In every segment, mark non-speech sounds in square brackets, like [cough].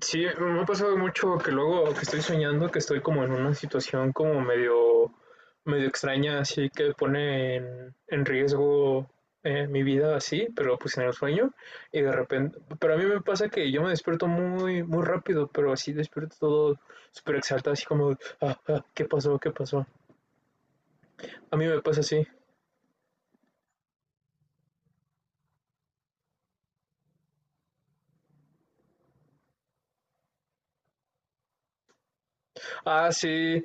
Sí, me ha pasado mucho que luego que estoy soñando que estoy como en una situación como medio, medio extraña, así que pone en riesgo mi vida así, pero pues en el sueño y de repente, pero a mí me pasa que yo me despierto muy, muy rápido, pero así despierto todo súper exaltado, así como, ah, ah, ¿qué pasó? ¿Qué pasó? A mí me pasa así. Ah, sí,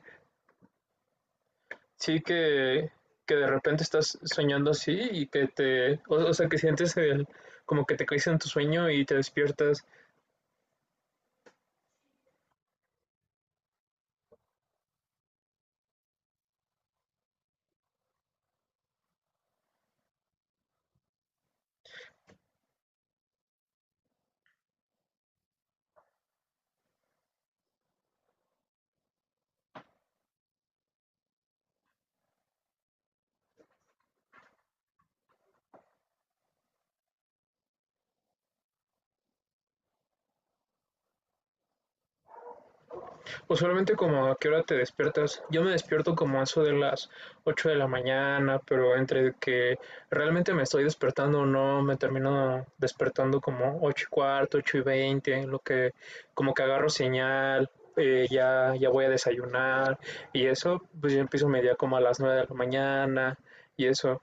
sí que de repente estás soñando así y que te, o sea, que sientes el, como que te caes en tu sueño y te despiertas, o solamente como a qué hora te despiertas. Yo me despierto como a eso de las 8 de la mañana, pero entre que realmente me estoy despertando o no, me termino despertando como 8:15, 8:20 en lo que como que agarro señal. Ya, ya voy a desayunar y eso, pues yo empiezo mi día como a las 9 de la mañana y eso.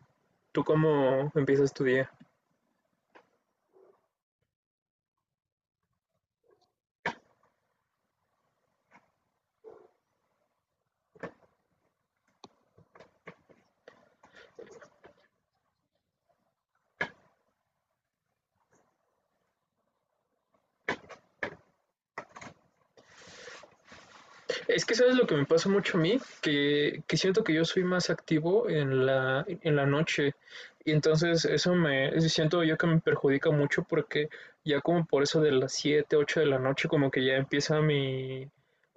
¿Tú cómo empiezas tu día? Es que sabes lo que me pasa mucho a mí, que siento que yo soy más activo en la noche y entonces eso me siento yo que me perjudica mucho porque ya como por eso de las 7, 8 de la noche como que ya empieza mi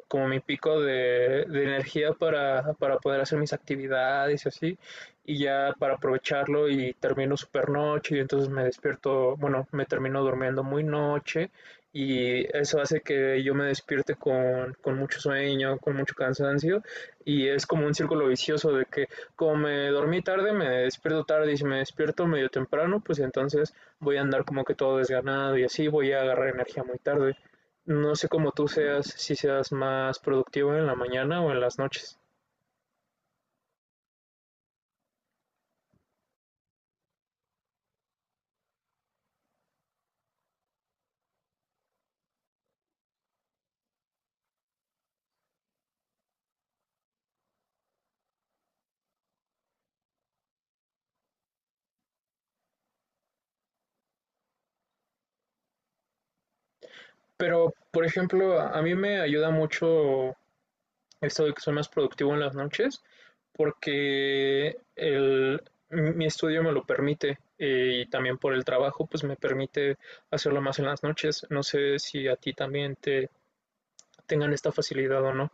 como mi pico de energía para poder hacer mis actividades y así, y ya para aprovecharlo y termino super noche y entonces me despierto, bueno, me termino durmiendo muy noche y eso hace que yo me despierte con mucho sueño, con mucho cansancio y es como un círculo vicioso de que como me dormí tarde, me despierto tarde y si me despierto medio temprano, pues entonces voy a andar como que todo desganado y así voy a agarrar energía muy tarde. No sé cómo tú seas, si seas más productivo en la mañana o en las noches. Pero, por ejemplo, a mí me ayuda mucho esto de que soy más productivo en las noches porque el, mi estudio me lo permite y también por el trabajo pues me permite hacerlo más en las noches. No sé si a ti también te tengan esta facilidad o no.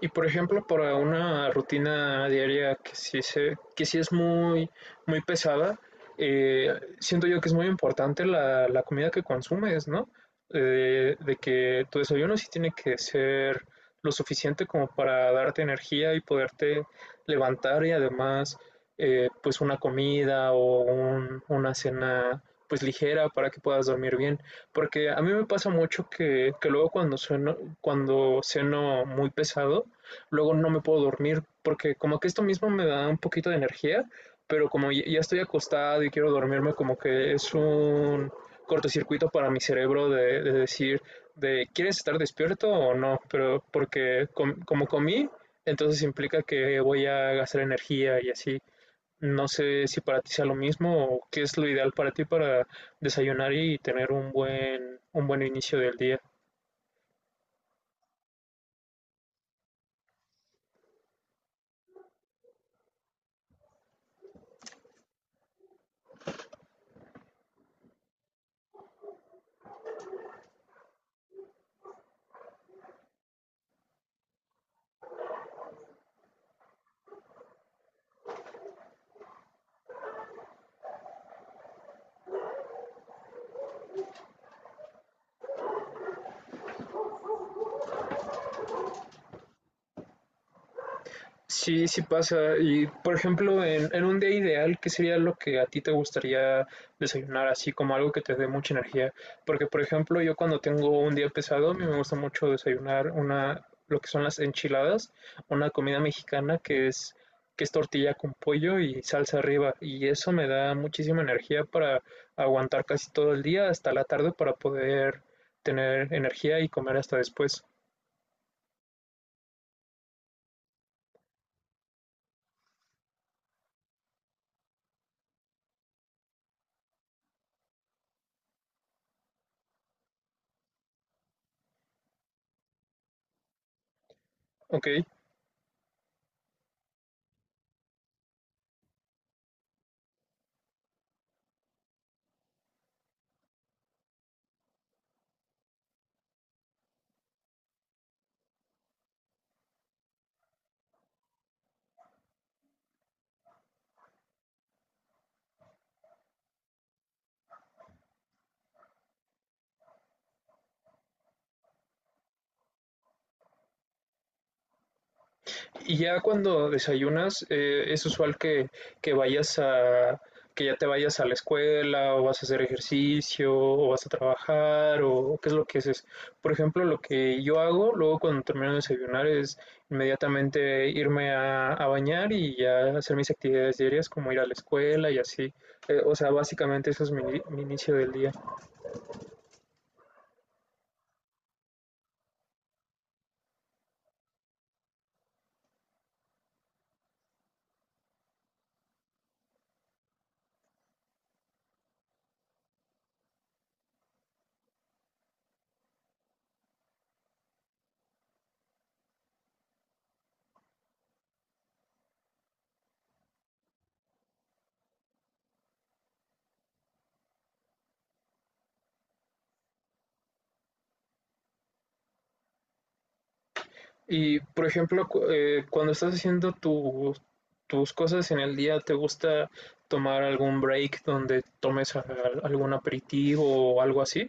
Y por ejemplo, para una rutina diaria que sí, se, que sí es muy, muy pesada, eh, siento yo que es muy importante la comida que consumes, ¿no? De que tu desayuno sí tiene que ser lo suficiente como para darte energía y poderte levantar y además pues una comida o una cena pues ligera para que puedas dormir bien. Porque a mí me pasa mucho que luego cuando sueno, cuando ceno muy pesado, luego no me puedo dormir porque como que esto mismo me da un poquito de energía, pero como ya estoy acostado y quiero dormirme, como que es un cortocircuito para mi cerebro de decir, de, ¿quieres estar despierto o no? Pero porque como comí, entonces implica que voy a gastar energía y así. No sé si para ti sea lo mismo o qué es lo ideal para ti para desayunar y tener un buen inicio del día. Sí, sí pasa. Y por ejemplo, en un día ideal, ¿qué sería lo que a ti te gustaría desayunar? Así como algo que te dé mucha energía. Porque, por ejemplo, yo cuando tengo un día pesado, a mí me gusta mucho desayunar una, lo que son las enchiladas, una comida mexicana que es tortilla con pollo y salsa arriba. Y eso me da muchísima energía para aguantar casi todo el día hasta la tarde para poder tener energía y comer hasta después. ¿Ok? Y ya cuando desayunas, es usual que vayas a, que ya te vayas a la escuela o vas a hacer ejercicio o vas a trabajar o qué es lo que haces. Por ejemplo, lo que yo hago luego cuando termino de desayunar es inmediatamente irme a bañar y ya hacer mis actividades diarias como ir a la escuela y así. O sea, básicamente eso es mi, mi inicio del día. Y, por ejemplo, cuando estás haciendo tus cosas en el día, ¿te gusta tomar algún break donde tomes algún aperitivo o algo así?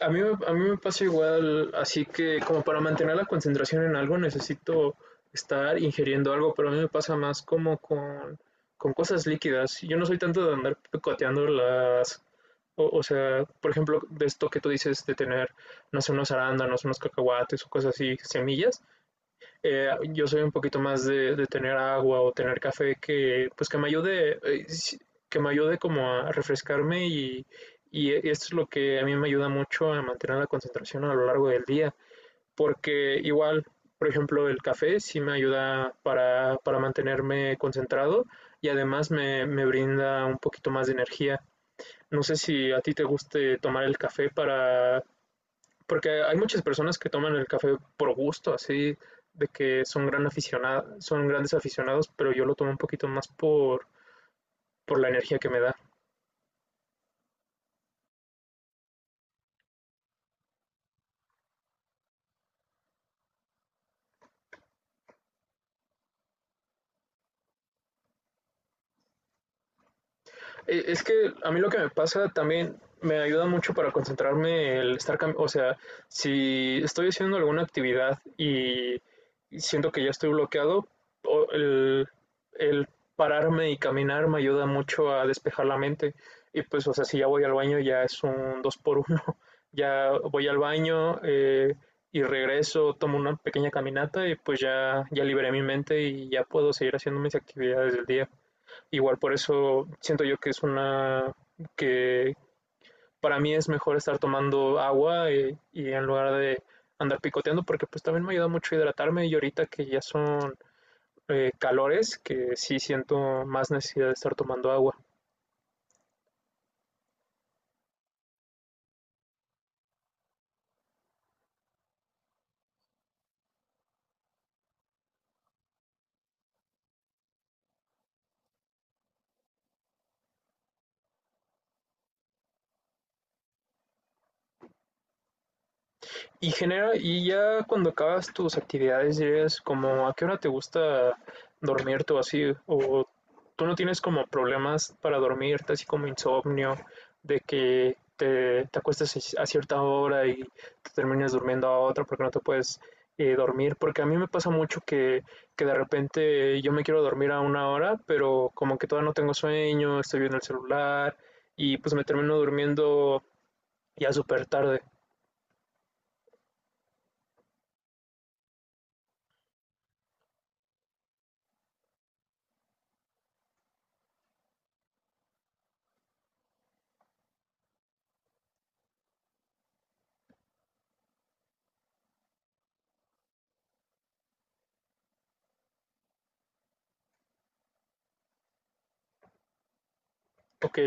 A mí, a mí me pasa igual, así que como para mantener la concentración en algo necesito estar ingiriendo algo, pero a mí me pasa más como con cosas líquidas. Yo no soy tanto de andar picoteando las... O, o sea, por ejemplo, de esto que tú dices de tener, no sé, unos arándanos, unos cacahuates o cosas así, semillas. Yo soy un poquito más de tener agua o tener café que, pues que me ayude, que me ayude como a refrescarme y, y esto es lo que a mí me ayuda mucho a mantener la concentración a lo largo del día, porque igual, por ejemplo, el café sí me ayuda para mantenerme concentrado y además me, me brinda un poquito más de energía. No sé si a ti te guste tomar el café para porque hay muchas personas que toman el café por gusto, así de que son gran aficionado, son grandes aficionados, pero yo lo tomo un poquito más por la energía que me da. Es que a mí lo que me pasa también me ayuda mucho para concentrarme el estar, o sea, si estoy haciendo alguna actividad y siento que ya estoy bloqueado, o- el, el pararme y caminar me ayuda mucho a despejar la mente. Y pues, o sea, si ya voy al baño ya es un dos por uno. [laughs] Ya voy al baño y regreso, tomo una pequeña caminata y pues ya, ya liberé mi mente y ya puedo seguir haciendo mis actividades del día. Igual por eso siento yo que es una que para mí es mejor estar tomando agua y en lugar de andar picoteando porque pues también me ayuda mucho a hidratarme y ahorita que ya son calores que sí siento más necesidad de estar tomando agua. Y genera, y ya cuando acabas tus actividades, dirías como a qué hora te gusta dormirte o así, o tú no tienes como problemas para dormirte, así como insomnio, de que te acuestas a cierta hora y te termines durmiendo a otra porque no te puedes dormir, porque a mí me pasa mucho que de repente yo me quiero dormir a una hora, pero como que todavía no tengo sueño, estoy viendo el celular y pues me termino durmiendo ya súper tarde. Ok,